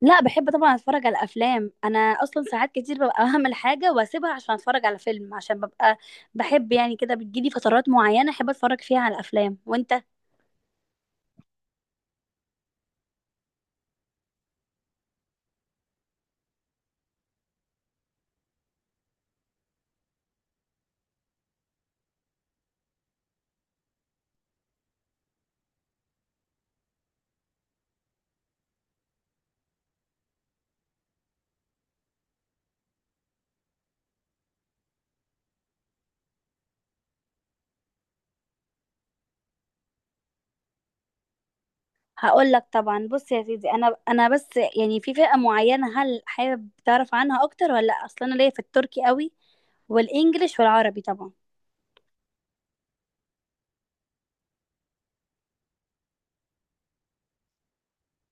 لا، بحب طبعا اتفرج على افلام. انا اصلا ساعات كتير ببقى هعمل حاجه واسيبها عشان اتفرج على فيلم، عشان ببقى بحب، يعني كده بتجيلي فترات معينه احب اتفرج فيها على افلام. وانت؟ هقول لك طبعا. بص يا سيدي، انا بس يعني في فئه معينه، هل حابب تعرف عنها اكتر ولا لا؟ اصلا انا ليا في التركي قوي والانجليش والعربي طبعا.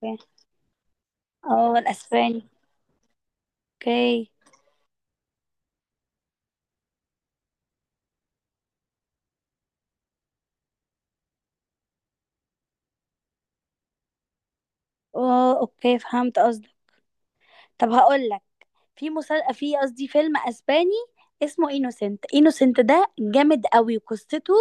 اوكي. اه، والاسباني. اوكي. اه، اوكي، فهمت قصدك. طب هقول لك. في قصدي فيلم اسباني اسمه انوسنت. انوسنت ده جامد قوي قصته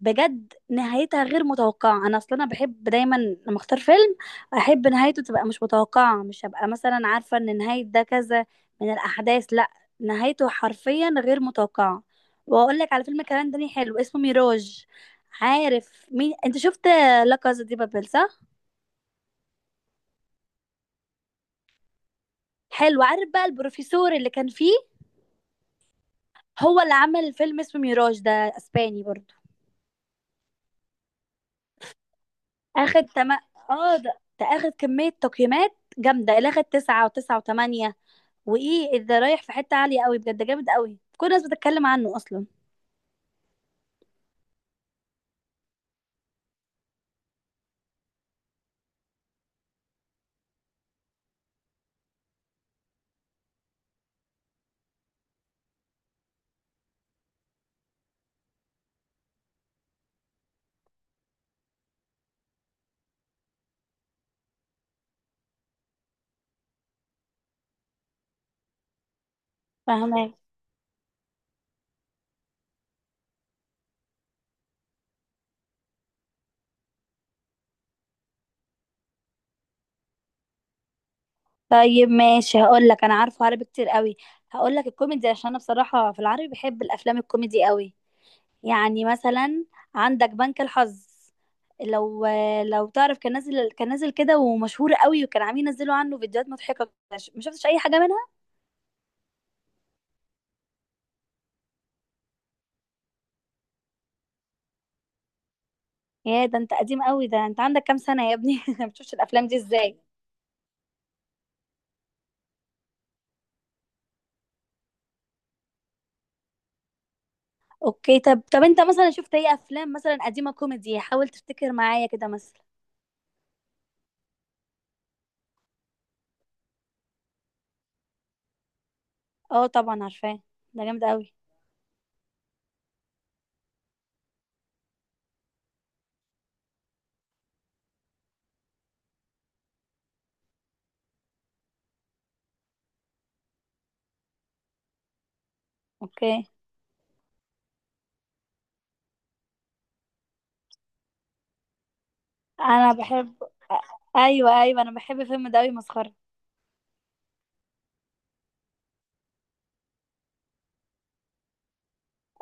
بجد، نهايتها غير متوقعة. أنا أصلا بحب دايما لما أختار فيلم أحب نهايته تبقى مش متوقعة. مش هبقى مثلا عارفة إن نهاية ده كذا من الأحداث، لأ، نهايته حرفيا غير متوقعة. وأقول لك على فيلم كمان تاني حلو اسمه ميراج. عارف مين أنت؟ شفت لا كازا دي بابل؟ صح؟ حلو. عارف بقى البروفيسور اللي كان فيه؟ هو اللي عمل فيلم اسمه ميراج ده، أسباني برضه. اخد تم... اه، ده اخد كمية تقييمات جامدة، اللي اخد تسعة وتسعة وتمانية. وايه، ده رايح في حتة عالية قوي بجد، جامد قوي، كل الناس بتتكلم عنه اصلا. فاهمة. طيب ماشي، هقول لك. انا عارفه عربي كتير قوي. هقول لك الكوميدي، عشان انا بصراحة في العربي بحب الافلام الكوميدي قوي. يعني مثلا عندك بنك الحظ، لو لو تعرف. كان نازل كان نازل كده ومشهور قوي، وكان عاملين ينزلوا عنه فيديوهات مضحكة. ما شفتش اي حاجة منها. يا، ده انت قديم قوي! ده انت عندك كام سنة يا ابني؟ ما بتشوفش الافلام دي ازاي؟ اوكي. طب انت مثلا شفت ايه افلام مثلا قديمة كوميدي؟ حاول تفتكر معايا كده مثلا. اه، طبعا عارفاه، ده جامد قوي. اوكي، انا بحب. ايوه، ايوه، انا بحب الفيلم ده قوي، مسخرة.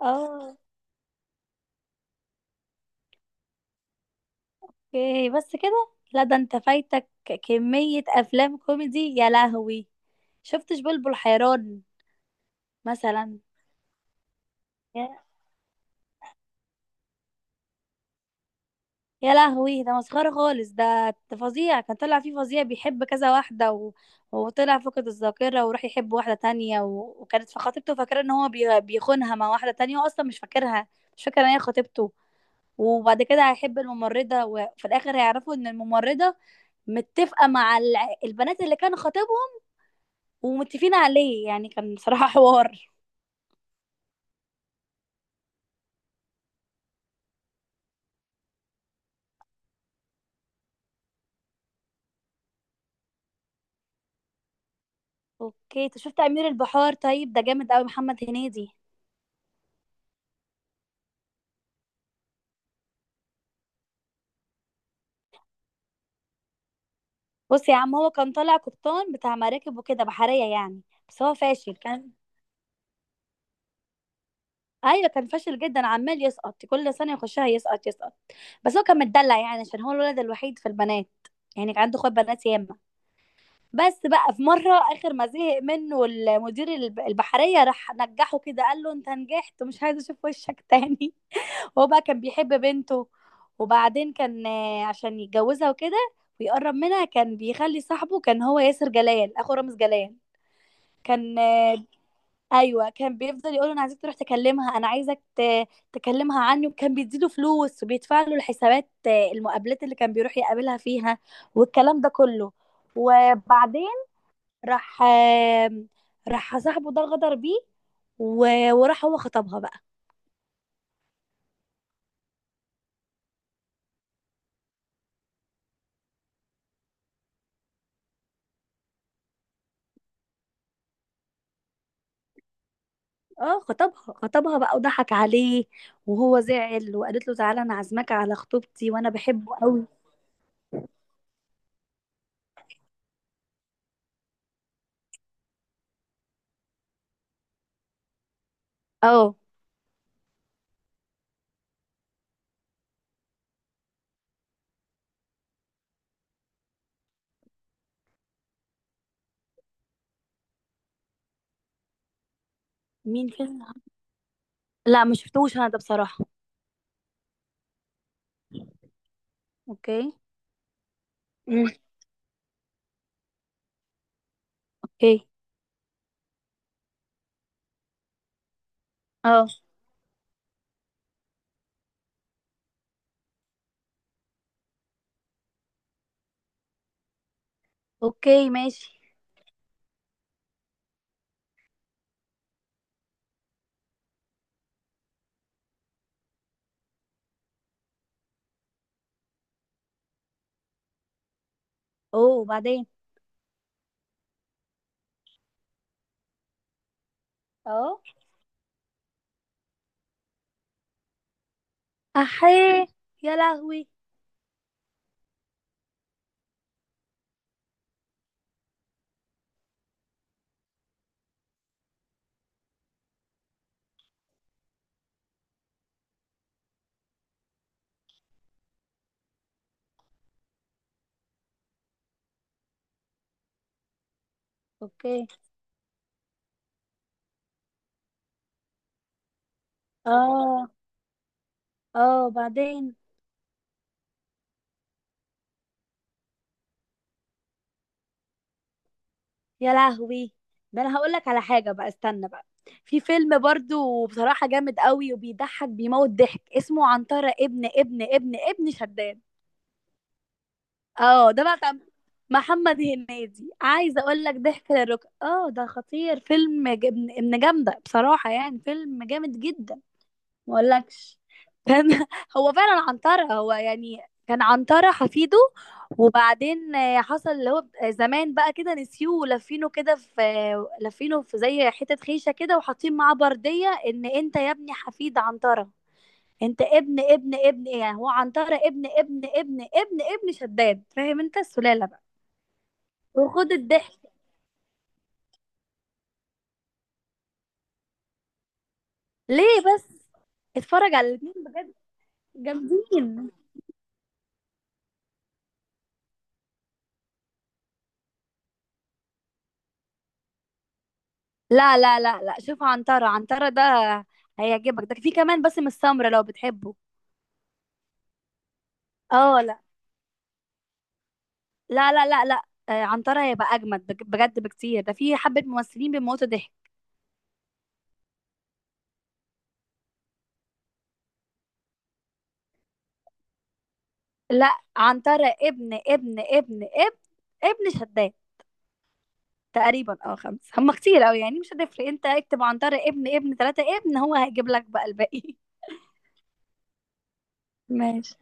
اه، اوكي. بس كده؟ لا، ده انت فايتك كمية افلام كوميدي، يا لهوي! شفتش بلبل حيران مثلا؟ يا لهوي، ده مسخرة خالص. ده فظيع، كان طلع فيه فظيع بيحب كذا واحدة، وطلع فقد الذاكرة وراح يحب واحدة تانية، وكانت في خطيبته فاكرة ان هو بيخونها مع واحدة تانية، واصلا مش فاكرها، مش فاكرة ان هي خطيبته. وبعد كده هيحب الممرضة، وفي الآخر هيعرفوا ان الممرضة متفقة مع البنات اللي كان خطيبهم، ومتفقين عليه. يعني كان صراحة حوار. اوكي، انت شفت أمير البحار؟ طيب ده جامد قوي، محمد هنيدي. بص يا عم، هو كان طالع قبطان بتاع مراكب وكده، بحرية يعني، بس هو فاشل كان. ايوه، كان فاشل جدا، عمال يسقط كل سنة يخشها، يسقط يسقط. بس هو كان متدلع يعني، عشان هو الولد الوحيد في البنات، يعني كان عنده اخوات بنات ياما. بس بقى في مرة، اخر ما زهق منه المدير البحرية، راح نجحه كده، قال له انت نجحت ومش عايز اشوف وشك تاني. هو بقى كان بيحب بنته، وبعدين كان، عشان يتجوزها وكده ويقرب منها، كان بيخلي صاحبه، كان هو ياسر جلال اخو رامز جلال، كان آه، ايوه، كان بيفضل يقول انا عايزك تروح تكلمها، انا عايزك تكلمها عني، وكان بيديله فلوس وبيدفع له الحسابات، المقابلات اللي كان بيروح يقابلها فيها والكلام ده كله. وبعدين راح، راح صاحبه ده غدر بيه، وراح هو خطبها بقى. اه، خطبها خطبها بقى وضحك عليه، وهو زعل. وقالت له تعالى، انا عازمك على خطوبتي، وانا بحبه قوي. اه، مين فيلم؟ لا، ما شفتوش انا ده بصراحة. اوكي. امم، اوكي. اه، اوكي، ماشي. اوه، وبعدين؟ اه، احيه! يا لهوي! اوكي. اه، اه، بعدين؟ يا لهوي، ده انا هقول لك على حاجه بقى، استنى بقى. في فيلم برضو بصراحه جامد قوي، وبيضحك بيموت ضحك، اسمه عنترة ابن ابن ابن ابن شداد. اه، ده بقى كان محمد هنيدي، عايزه اقول لك ضحك للركب. اه، ده خطير، فيلم ابن ابن جامده بصراحه، يعني فيلم جامد جدا. ما اقولكش، كان هو فعلا عنترة هو يعني، كان عنترة حفيده. وبعدين حصل اللي هو زمان بقى كده نسيوه، ولفينه كده في لفينه في زي حتة خيشة كده، وحاطين معاه بردية ان انت يا ابني حفيد عنترة، انت ابن ابن ابن ايه، يعني هو عنترة ابن ابن ابن ابن ابن شداد، فاهم انت السلالة بقى؟ وخد الضحك. ليه بس؟ اتفرج على الاتنين بجد، جامدين. لا لا لا لا، شوف عنترة. عنترة ده هيعجبك، ده في كمان باسم السمرة لو بتحبه. اه، لا لا لا لا لا، عنترة هيبقى أجمد بجد بكتير، ده في حبة ممثلين بيموتوا ضحك. لا، عنترة ابن ابن ابن ابن ابن شداد تقريبا. اه، خمسة. هم كتير أوي يعني، مش هتفرق، انت اكتب عنترة ابن ابن تلاتة ابن، هو هيجيب لك بقى الباقي. ماشي.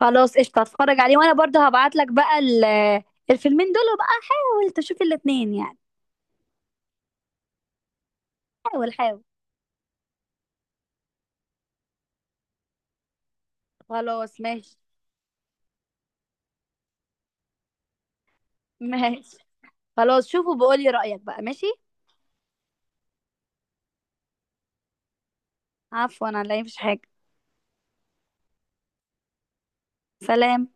خلاص قشطة، هتفرج عليه. وأنا برضه هبعت لك بقى الفيلمين دول، وبقى حاول تشوف الاتنين يعني. حاول حاول. خلاص ماشي. ماشي، خلاص، شوفوا بقولي رأيك بقى، ماشي. عفوا، انا لا، مفيش حاجة. سلام.